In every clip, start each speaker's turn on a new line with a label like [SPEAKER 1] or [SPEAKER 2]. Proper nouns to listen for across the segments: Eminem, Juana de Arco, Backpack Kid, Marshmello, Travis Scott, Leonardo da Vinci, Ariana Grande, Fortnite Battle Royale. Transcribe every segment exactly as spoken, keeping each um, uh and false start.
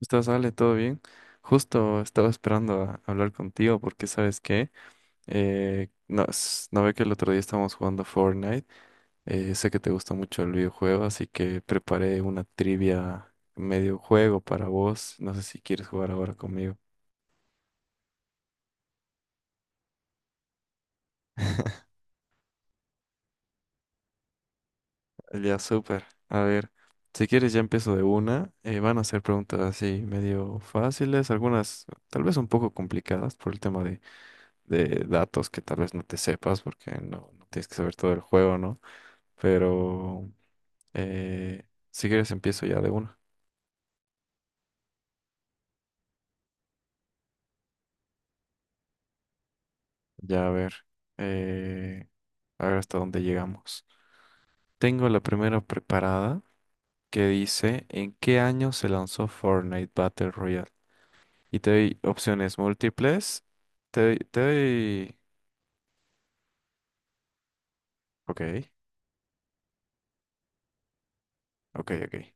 [SPEAKER 1] Estás, Ale, todo bien. Justo estaba esperando a hablar contigo porque, ¿sabes qué? Eh, no, s- no ve que el otro día estábamos jugando Fortnite. Eh, sé que te gusta mucho el videojuego, así que preparé una trivia medio juego para vos. No sé si quieres jugar ahora conmigo. Ya, súper. A ver, si quieres ya empiezo de una. Eh, van a ser preguntas así medio fáciles, algunas tal vez un poco complicadas por el tema de, de datos que tal vez no te sepas porque no, no tienes que saber todo el juego, ¿no? Pero eh, si quieres empiezo ya de una. Ya a ver, eh, a ver hasta dónde llegamos. Tengo la primera preparada que dice: ¿en qué año se lanzó Fortnite Battle Royale? Y te doy opciones múltiples. Te doy, te doy... Ok, ok, ok.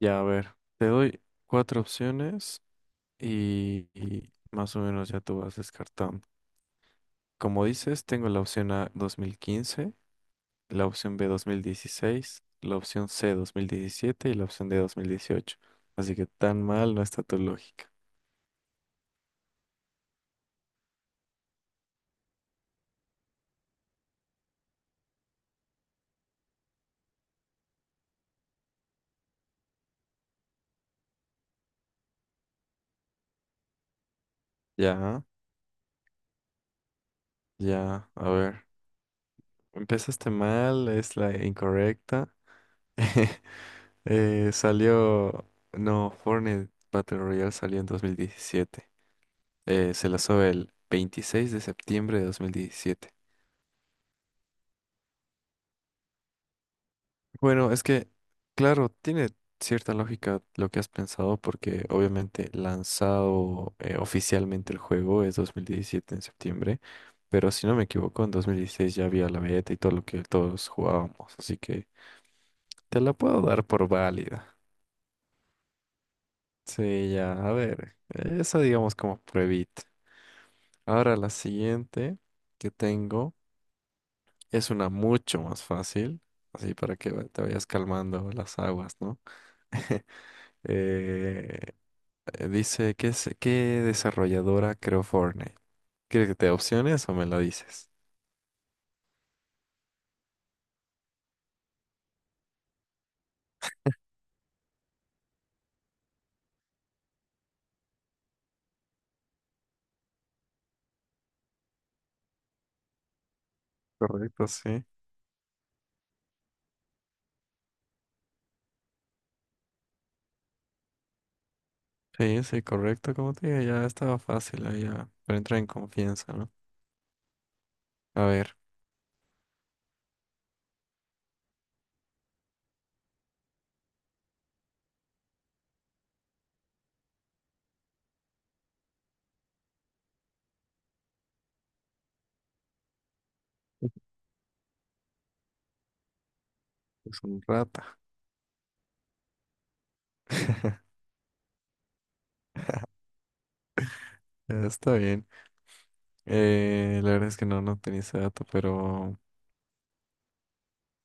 [SPEAKER 1] Ya a ver, te doy cuatro opciones y, y más o menos ya tú vas descartando. Como dices, tengo la opción A, dos mil quince; la opción B, dos mil dieciséis; la opción C, dos mil diecisiete; y la opción D, dos mil dieciocho. Así que tan mal no está tu lógica. Ya, ya, a ver. Empezaste mal, es la incorrecta. Eh, salió, no, Fortnite Battle Royale salió en dos mil diecisiete. Eh, se lanzó el veintiséis de septiembre de dos mil diecisiete. Bueno, es que, claro, tiene cierta lógica lo que has pensado, porque obviamente lanzado eh, oficialmente el juego es dos mil diecisiete en septiembre, pero si no me equivoco, en dos mil dieciséis ya había la beta y todo lo que todos jugábamos, así que te la puedo dar por válida. Sí, ya, a ver, esa digamos como pruebita. Ahora la siguiente que tengo es una mucho más fácil, así para que te vayas calmando las aguas, ¿no? Eh, Eh, Dice, ¿qué, es- qué desarrolladora creó Fortnite? ¿Quieres que te dé opciones o me lo dices? Correcto, sí. Sí, sí, correcto. Como te digo, ya estaba fácil, ahí ya. Pero entra en confianza, ¿no? A ver, es un rata. Está bien. Eh, la verdad es que no, no tenía ese dato, pero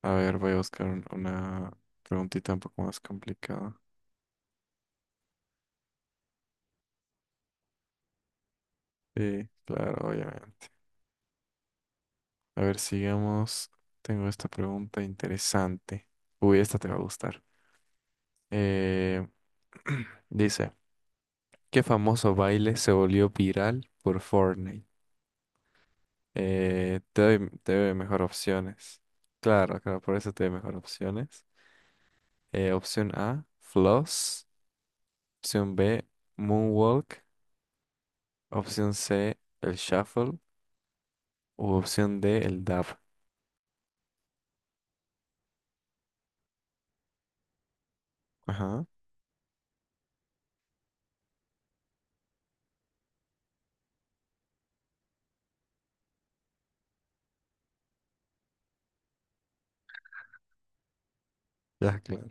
[SPEAKER 1] a ver, voy a buscar un- una preguntita un poco más complicada. Sí, claro, obviamente. A ver, sigamos. Tengo esta pregunta interesante. Uy, esta te va a gustar. Eh, Dice, ¿qué famoso baile se volvió viral por Fortnite? Eh, te doy, te doy mejor opciones. Claro, claro, por eso te doy mejor opciones. Eh, opción A, Floss. Opción B, Moonwalk. Opción C, el Shuffle. O opción D, el Dab. Ajá, ya, claro.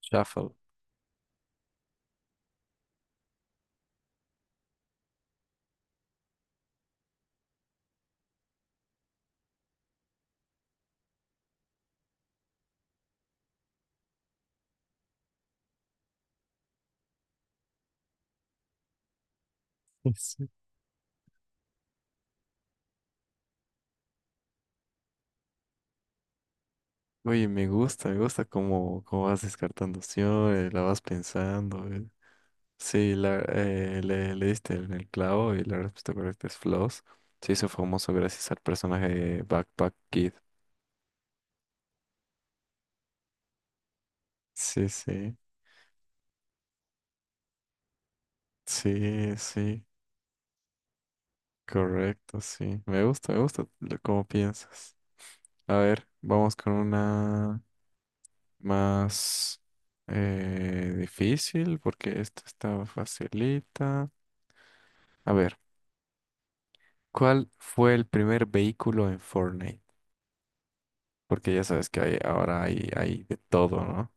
[SPEAKER 1] Shuffle. Sí. Oye, me gusta, me gusta cómo, cómo vas descartando opciones, la vas pensando. eh. Sí, la- eh, le, le diste en el clavo y la respuesta correcta es Floss. Se hizo famoso gracias al personaje de Backpack Kid. Sí, sí, sí, sí, correcto, sí. Me gusta, me gusta lo- cómo piensas. A ver, vamos con una más eh, difícil porque esta está facilita. A ver, ¿cuál fue el primer vehículo en Fortnite? Porque ya sabes que hay, ahora hay, hay de todo, ¿no?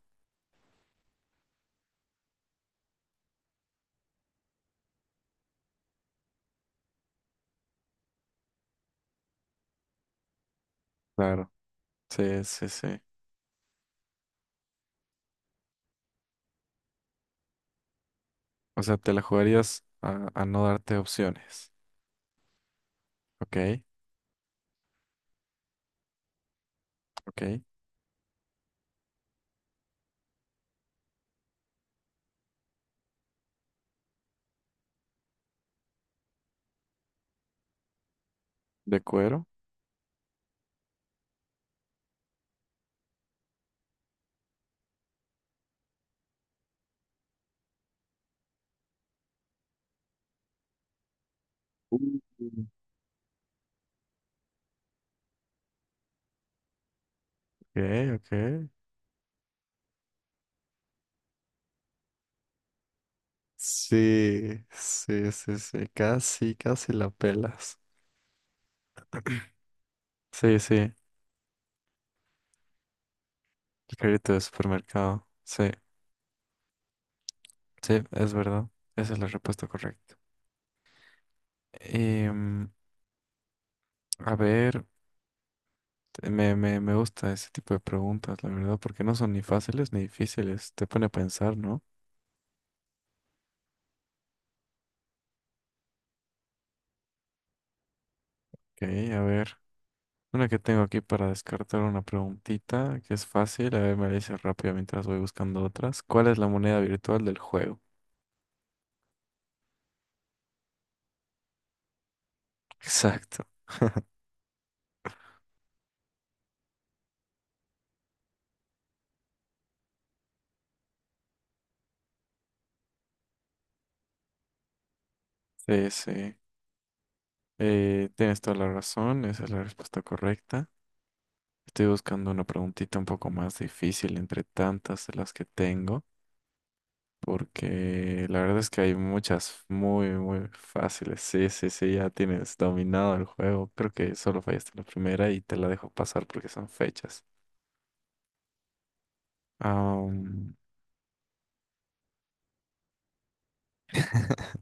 [SPEAKER 1] Claro. Sí, sí, sí. O sea, te la jugarías a, a no darte opciones. Ok, ok. De cuero. Uh. Ok, ok. Sí, sí, sí, sí. Casi, casi la pelas. Sí, sí. El carrito de supermercado. Sí, sí, es verdad. Esa es la respuesta correcta. Y, mm, a ver, te- me, me, me gusta ese tipo de preguntas, la verdad, porque no son ni fáciles ni difíciles. Te pone a pensar, ¿no? Ok, a ver. Una que tengo aquí para descartar, una preguntita que es fácil. A ver, me la dices rápido mientras voy buscando otras. ¿Cuál es la moneda virtual del juego? Exacto. Sí, sí. Eh, tienes toda la razón. Esa es la respuesta correcta. Estoy buscando una preguntita un poco más difícil entre tantas de las que tengo. Porque la verdad es que hay muchas muy, muy fáciles. Sí, sí, sí, ya tienes dominado el juego. Creo que solo fallaste la primera y te la dejo pasar porque son fechas. Ah,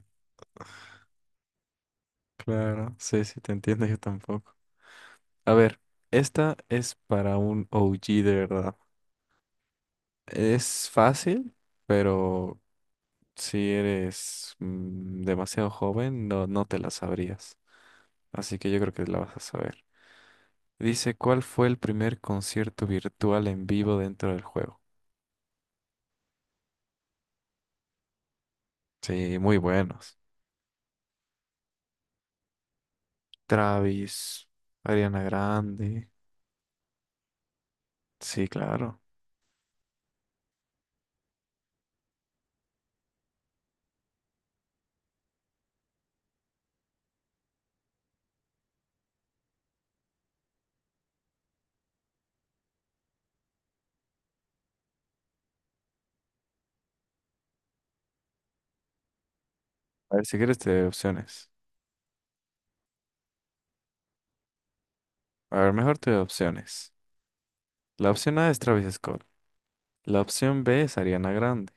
[SPEAKER 1] claro, sí, sí, te entiendo, yo tampoco. A ver, esta es para un O G de verdad. Es fácil, pero si eres mm, demasiado joven, no, no te la sabrías. Así que yo creo que la vas a saber. Dice, ¿cuál fue el primer concierto virtual en vivo dentro del juego? Sí, muy buenos. Travis, Ariana Grande. Sí, claro. A ver, si quieres te doy opciones. A ver, mejor te doy opciones. La opción A es Travis Scott. La opción B es Ariana Grande.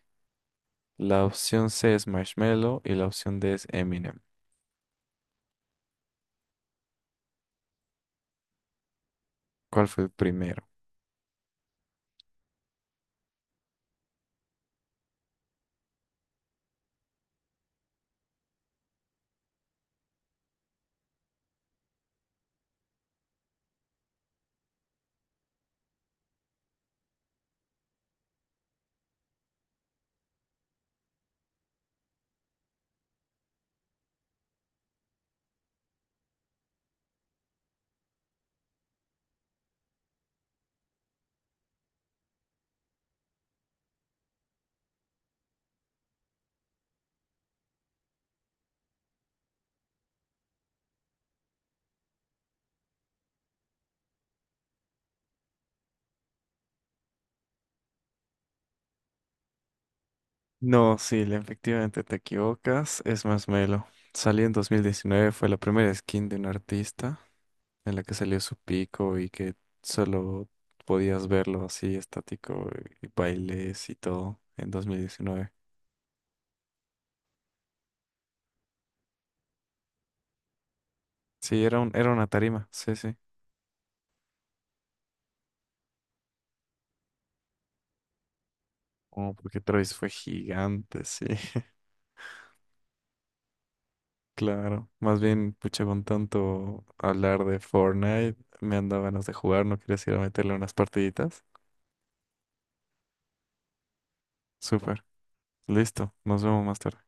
[SPEAKER 1] La opción C es Marshmello y la opción D es Eminem. ¿Cuál fue el primero? No, sí, le- efectivamente te equivocas. Es Marshmello. Salió en dos mil diecinueve, fue la primera skin de un artista en la que salió su pico y que solo podías verlo así estático y bailes y todo en dos mil diecinueve. Sí, era un, era una tarima, sí, sí. Oh, porque Travis fue gigante, sí. Claro, más bien, pucha, con tanto hablar de Fortnite, me han dado ganas de jugar, ¿no quieres ir a meterle unas partiditas? Súper, listo, nos vemos más tarde.